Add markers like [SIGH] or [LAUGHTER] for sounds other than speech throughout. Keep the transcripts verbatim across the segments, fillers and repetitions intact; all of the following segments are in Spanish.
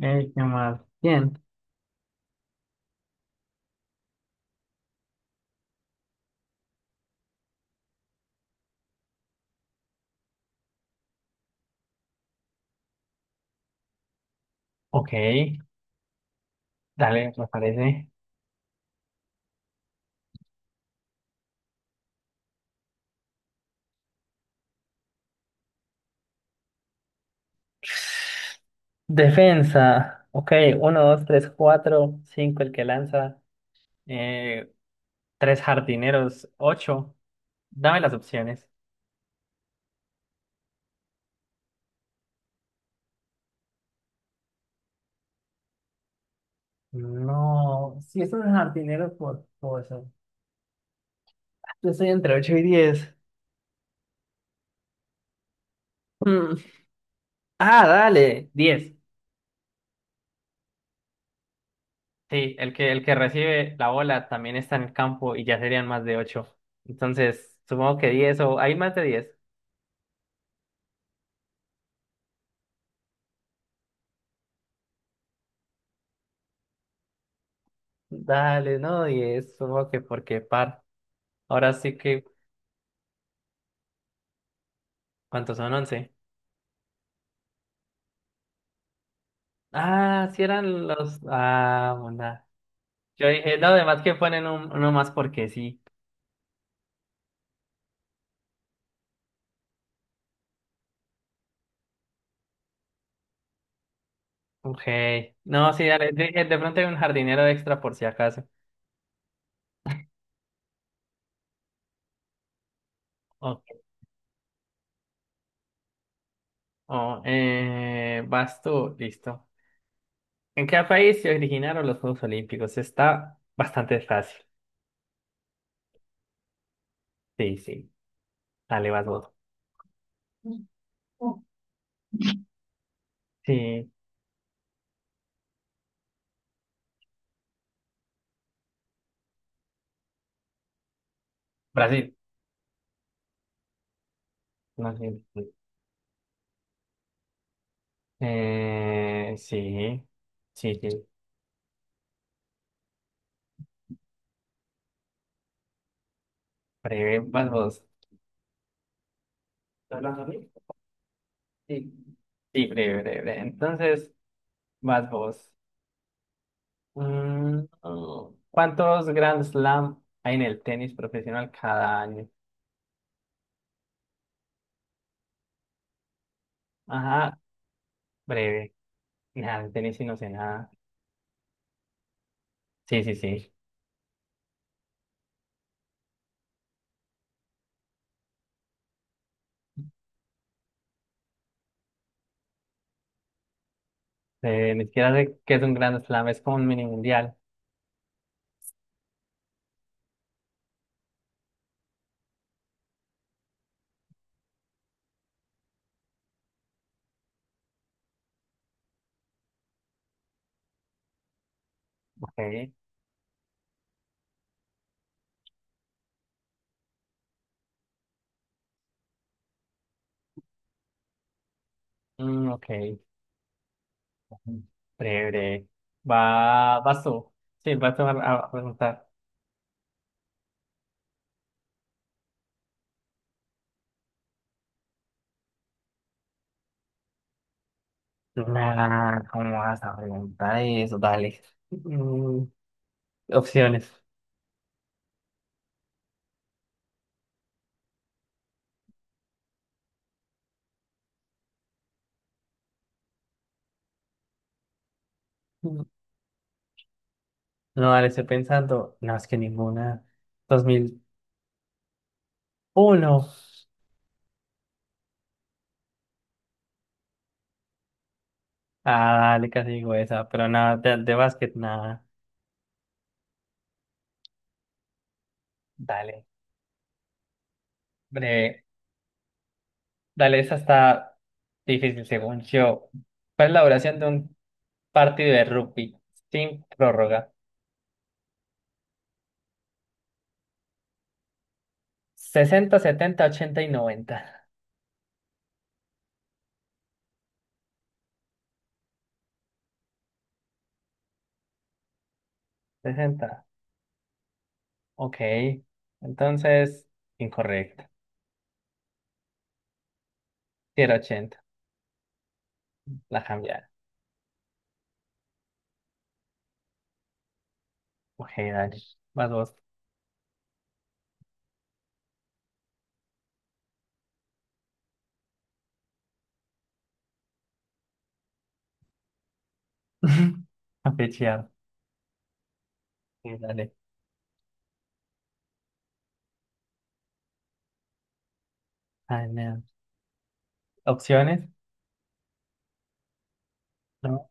Eh, ¿qué más? Bien. Ok, dale, me parece. Defensa. Ok, uno, dos, tres, cuatro, cinco, el que lanza. Eh, tres jardineros, ocho. Dame las opciones. No, si es un jardinero por cosa. Yo estoy entre ocho y diez. Mm. Ah, dale, diez. Sí, el que, el que recibe la bola también está en el campo y ya serían más de ocho. Entonces, supongo que diez o hay más de diez. Dale, no, y es supongo que porque par. Ahora sí que, ¿cuántos son once? Ah, sí eran los. Ah, bondad. Yo dije, no, además que ponen un- uno más porque sí. Ok. No, sí, dale. Dije, de pronto hay un jardinero extra por si acaso. Ok. Oh, eh, vas tú, listo. ¿En qué país se originaron los Juegos Olímpicos? Está bastante fácil. Sí, sí. Dale, vas vos. Sí, Brasil. No, sí. Eh, sí, sí, sí. Breve, vas vos. ¿Estás hablando a mí? Sí. Sí, breve, breve, breve. Entonces, vas vos. Mm, oh. ¿Cuántos Grand Slam hay en el tenis profesional cada año? Ajá, breve. Nada, de tenis sí no sé nada. Sí, sí, sí. Eh, ni siquiera sé qué es un Grand Slam, es como un mini mundial. Ok. Mm, ok. Breve, breve. Va, vas tú. Sí, vas tú a, a preguntar. Nah, ¿cómo vas a preguntar eso? Dale. Mm, opciones. Mm, No, dale, estoy pensando. No, es que ninguna. Dos mil uno. Ah, dale, casi digo esa. Pero nada, de, de básquet, nada. Dale. Breve. Dale, esa está difícil según yo. ¿Cuál es la duración de un partido de rugby sin prórroga? Sesenta, setenta, ochenta y noventa. Sesenta. Ok. Entonces, incorrecto. Si era ochenta. La cambiar. Ok, dale. Vas vos. [LAUGHS] A fichear. Sí, dale. Ay, no. Opciones. No,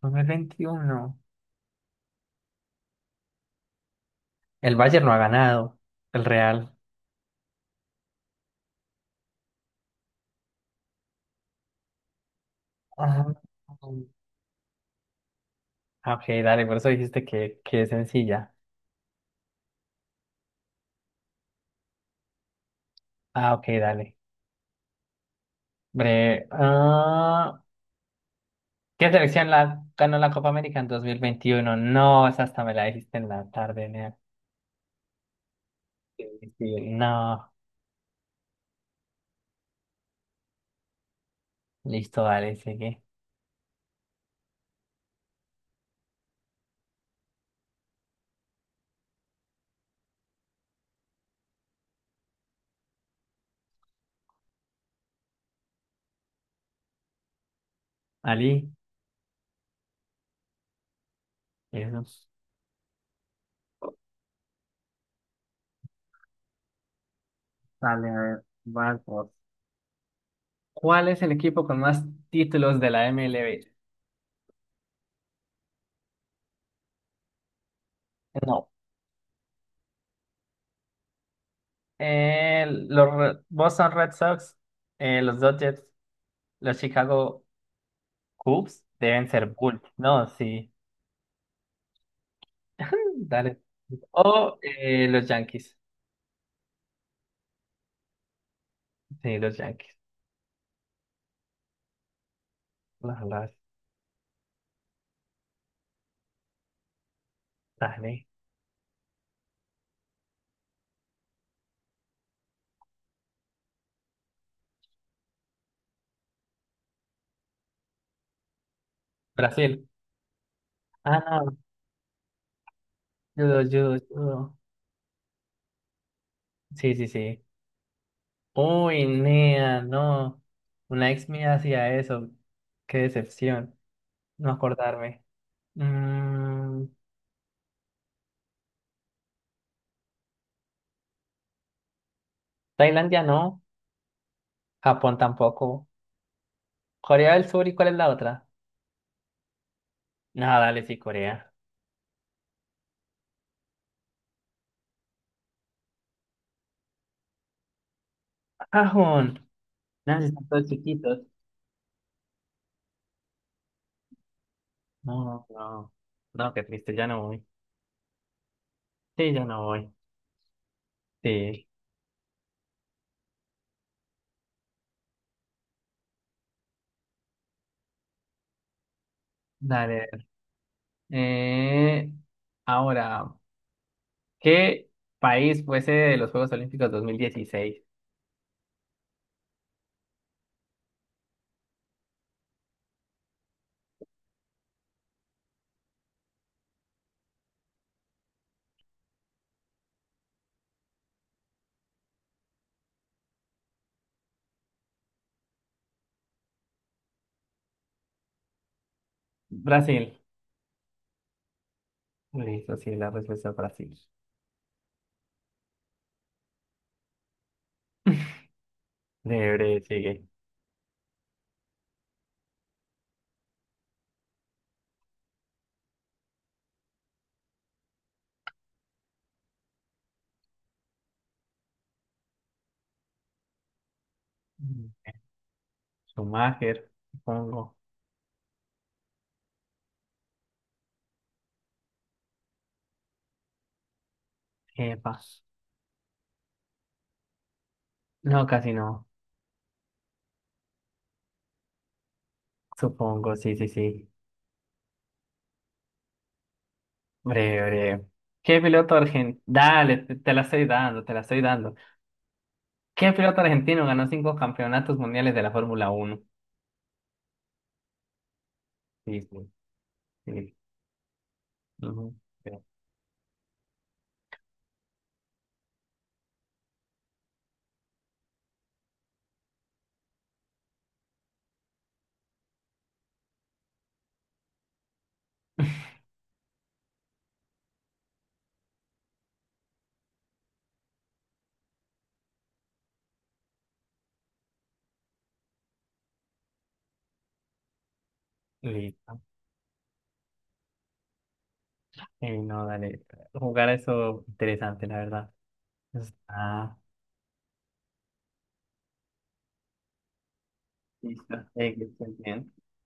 dos mil veintiuno. El Bayern no ha ganado. El Real. Ah, ah, ok, dale. Por eso dijiste que, que es sencilla. Ah, ok, dale. Bre ah, ¿qué selección la, ganó la Copa América en dos mil veintiuno? No, esa hasta me la dijiste en la tarde, nea. Sí, sí. No. Listo, dale, sigue. Ali. Eso. Dale, a ver, vas vos. ¿Cuál es el equipo con más títulos de la M L B? No. Eh, los Re- Boston Red Sox, eh, los Dodgers, los Chicago Cubs deben ser Bulls. No, sí. [LAUGHS] Dale. O eh, los Yankees. Sí, los Yankees. Las, las- dale. Brasil. Ah, judo, judo, judo. Sí, sí, sí. Uy, nea, no. Una ex mía hacía eso. Qué decepción. No acordarme. Mm, Tailandia no, Japón tampoco. Corea del Sur, ¿y cuál es la otra? No, dale, sí, Corea. ¡Ajón! No, si están todos chiquitos. No, no. No, no, qué triste, ya no voy. Sí, ya no voy. Sí. Dale. Eh, ahora, ¿qué país fuese de los Juegos Olímpicos dos mil dieciséis? Brasil. Listo, sí, la respuesta es Brasil. [LAUGHS] Debre, sigue. Mm. Schumacher, supongo. Epa. No, casi no. Supongo, sí, sí, sí. Hombre, hombre. ¿Qué piloto argentino? Dale, te, te la estoy dando, te la estoy dando. ¿Qué piloto argentino ganó cinco campeonatos mundiales de la Fórmula uno? Sí, sí, sí. Ujú, sí. [LAUGHS] Listo. Eh, no, dale. Jugar eso interesante, la verdad. Está listo. Eh, que estés bien.